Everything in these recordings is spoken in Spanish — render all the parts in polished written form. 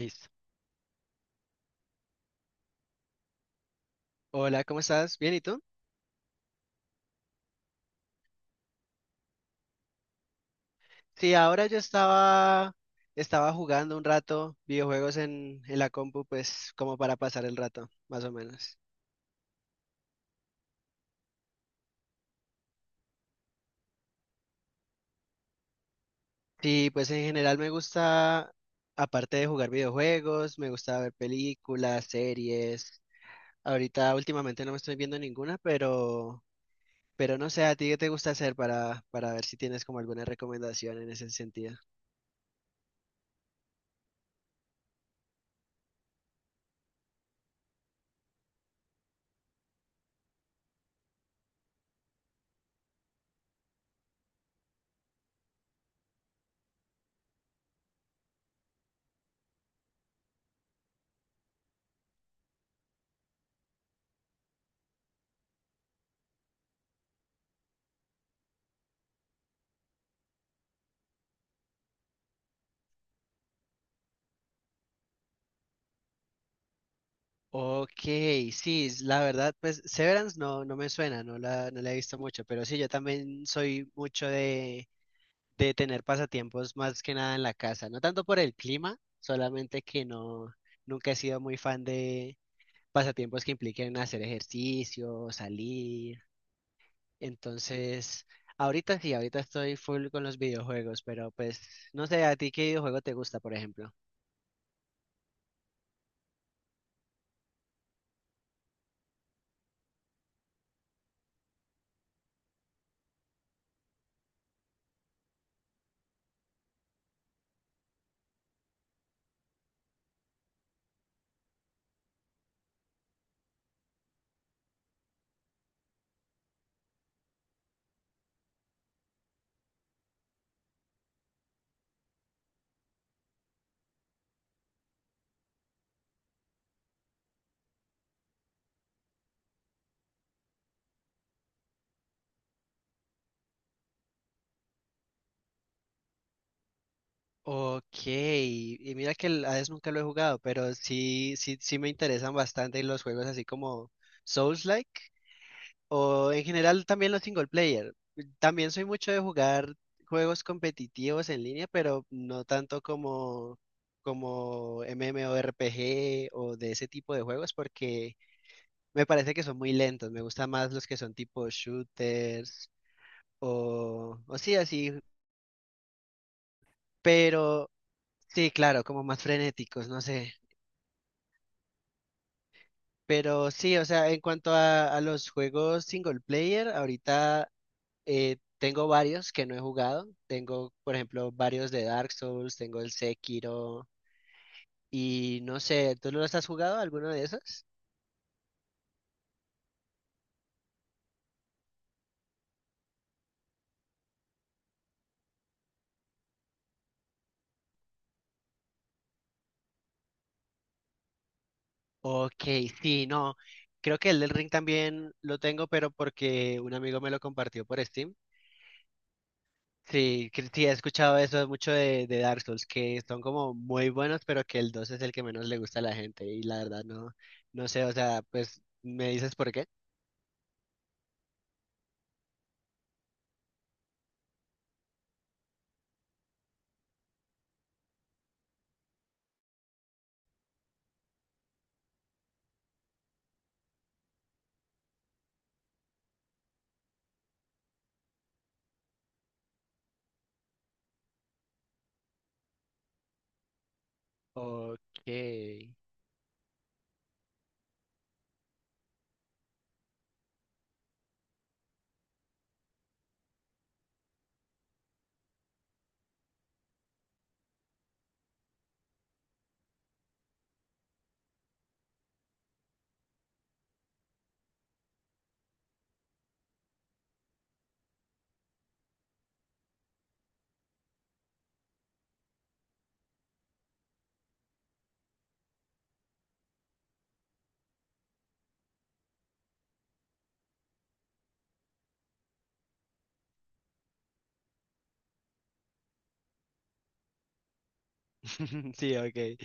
Listo. Hola, ¿cómo estás? ¿Bien y tú? Sí, ahora yo estaba jugando un rato videojuegos en la compu, pues como para pasar el rato, más o menos. Sí, pues en general me gusta, aparte de jugar videojuegos, me gusta ver películas, series. Ahorita últimamente no me estoy viendo ninguna, pero no sé, ¿a ti qué te gusta hacer para ver si tienes como alguna recomendación en ese sentido? Ok, sí, la verdad, pues Severance no me suena, no la he visto mucho, pero sí, yo también soy mucho de tener pasatiempos más que nada en la casa, no tanto por el clima, solamente que no, nunca he sido muy fan de pasatiempos que impliquen hacer ejercicio, salir, entonces, ahorita sí, ahorita estoy full con los videojuegos, pero pues no sé, ¿a ti qué videojuego te gusta, por ejemplo? Ok, y mira que el Hades nunca lo he jugado, pero sí, sí, sí me interesan bastante los juegos así como Souls-like o en general también los single player. También soy mucho de jugar juegos competitivos en línea, pero no tanto como MMORPG o de ese tipo de juegos porque me parece que son muy lentos. Me gustan más los que son tipo shooters o sí así, pero sí, claro, como más frenéticos, no sé. Pero sí, o sea, en cuanto a los juegos single player, ahorita tengo varios que no he jugado. Tengo, por ejemplo, varios de Dark Souls, tengo el Sekiro y no sé, ¿tú no los has jugado alguno de esos? Ok, sí, no. Creo que el del Ring también lo tengo, pero porque un amigo me lo compartió por Steam. Sí, que sí, he escuchado eso mucho de Dark Souls, que son como muy buenos, pero que el 2 es el que menos le gusta a la gente. Y la verdad no sé, o sea, pues, ¿me dices por qué? Okay, Sí, okay,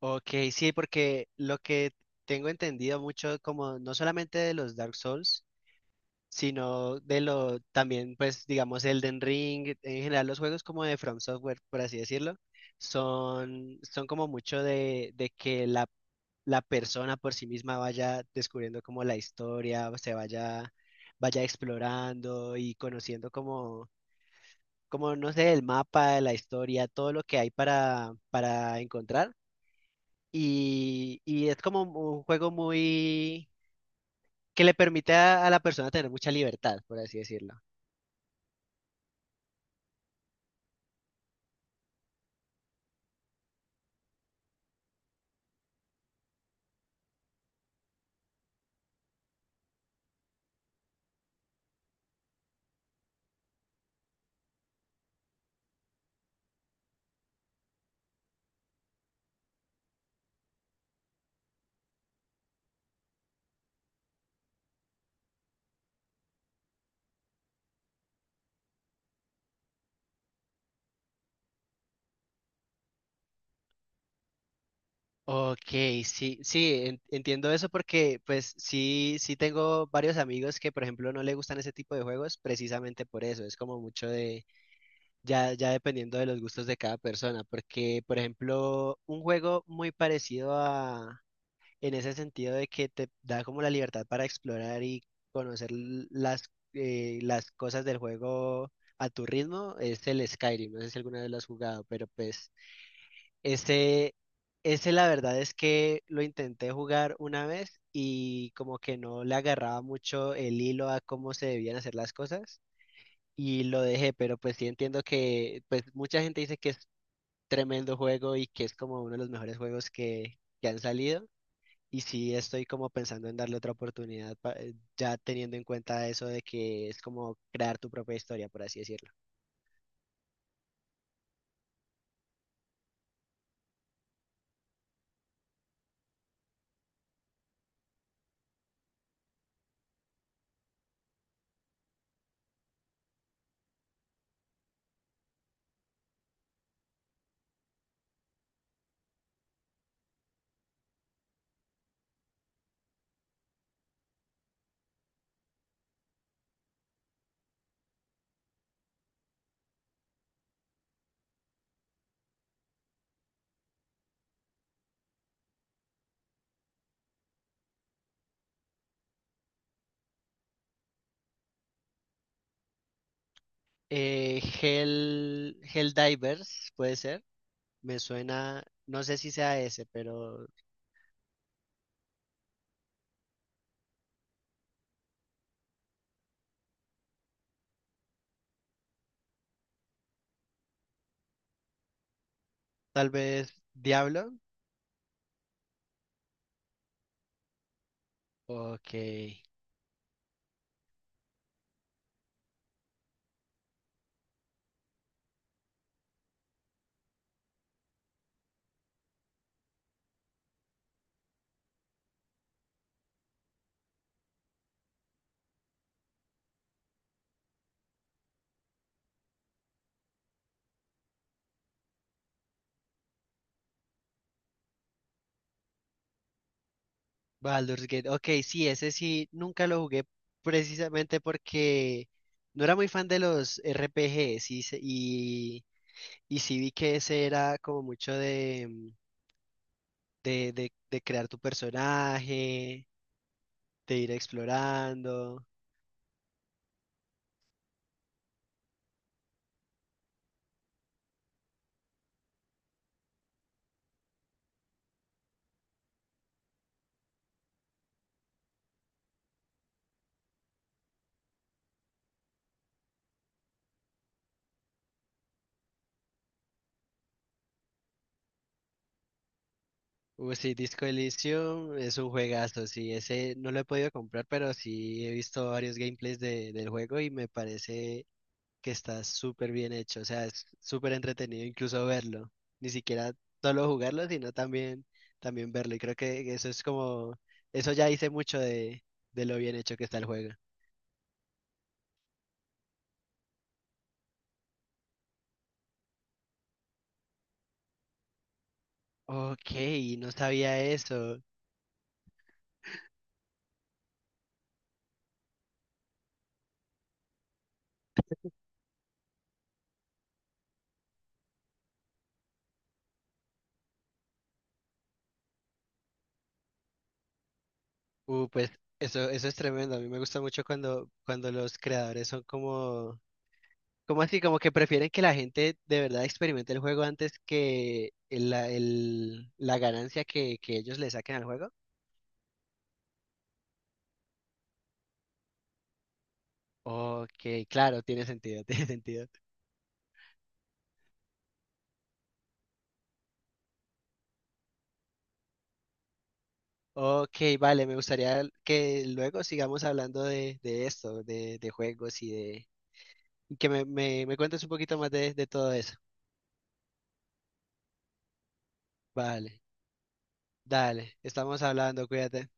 okay, sí, porque lo que tengo entendido mucho, como no solamente de los Dark Souls, sino de lo también, pues digamos, Elden Ring, en general los juegos como de From Software, por así decirlo, son como mucho de que la persona por sí misma vaya descubriendo como la historia, vaya explorando y conociendo como, no sé, el mapa, la historia, todo lo que hay para encontrar. Y es como un juego muy, que le permite a la persona tener mucha libertad, por así decirlo. Ok, sí, sí, entiendo eso porque pues sí, sí tengo varios amigos que por ejemplo no le gustan ese tipo de juegos precisamente por eso, es como mucho de, ya, ya dependiendo de los gustos de cada persona, porque por ejemplo un juego muy parecido a, en ese sentido de que te da como la libertad para explorar y conocer las cosas del juego a tu ritmo, es el Skyrim, no sé si alguna vez lo has jugado, pero pues... Ese, ese la verdad es que lo intenté jugar una vez y como que no le agarraba mucho el hilo a cómo se debían hacer las cosas y lo dejé, pero pues sí entiendo que pues mucha gente dice que es tremendo juego y que es como uno de los mejores juegos que han salido y sí estoy como pensando en darle otra oportunidad ya teniendo en cuenta eso de que es como crear tu propia historia, por así decirlo. Helldivers, puede ser. Me suena, no sé si sea ese, pero tal vez Diablo. Ok. Baldur's Gate. Ok, sí, ese sí, nunca lo jugué precisamente porque no era muy fan de los RPGs y sí vi que ese era como mucho de, mm, de crear tu personaje, de ir explorando. Uy, sí, Disco Elysium es un juegazo, sí, ese no lo he podido comprar, pero sí he visto varios gameplays del juego y me parece que está súper bien hecho, o sea, es súper entretenido incluso verlo, ni siquiera solo jugarlo, sino también, también verlo, y creo que eso es como, eso ya dice mucho de lo bien hecho que está el juego. Ok, no sabía eso. Pues eso, es tremendo. A mí me gusta mucho cuando los creadores son como así, como que prefieren que la gente de verdad experimente el juego antes que la ganancia que ellos le saquen al juego. Ok, claro, tiene sentido, tiene sentido. Ok, vale, me gustaría que luego sigamos hablando de esto, de juegos y de... y que me cuentes un poquito más de todo eso. Vale, dale, estamos hablando, cuídate.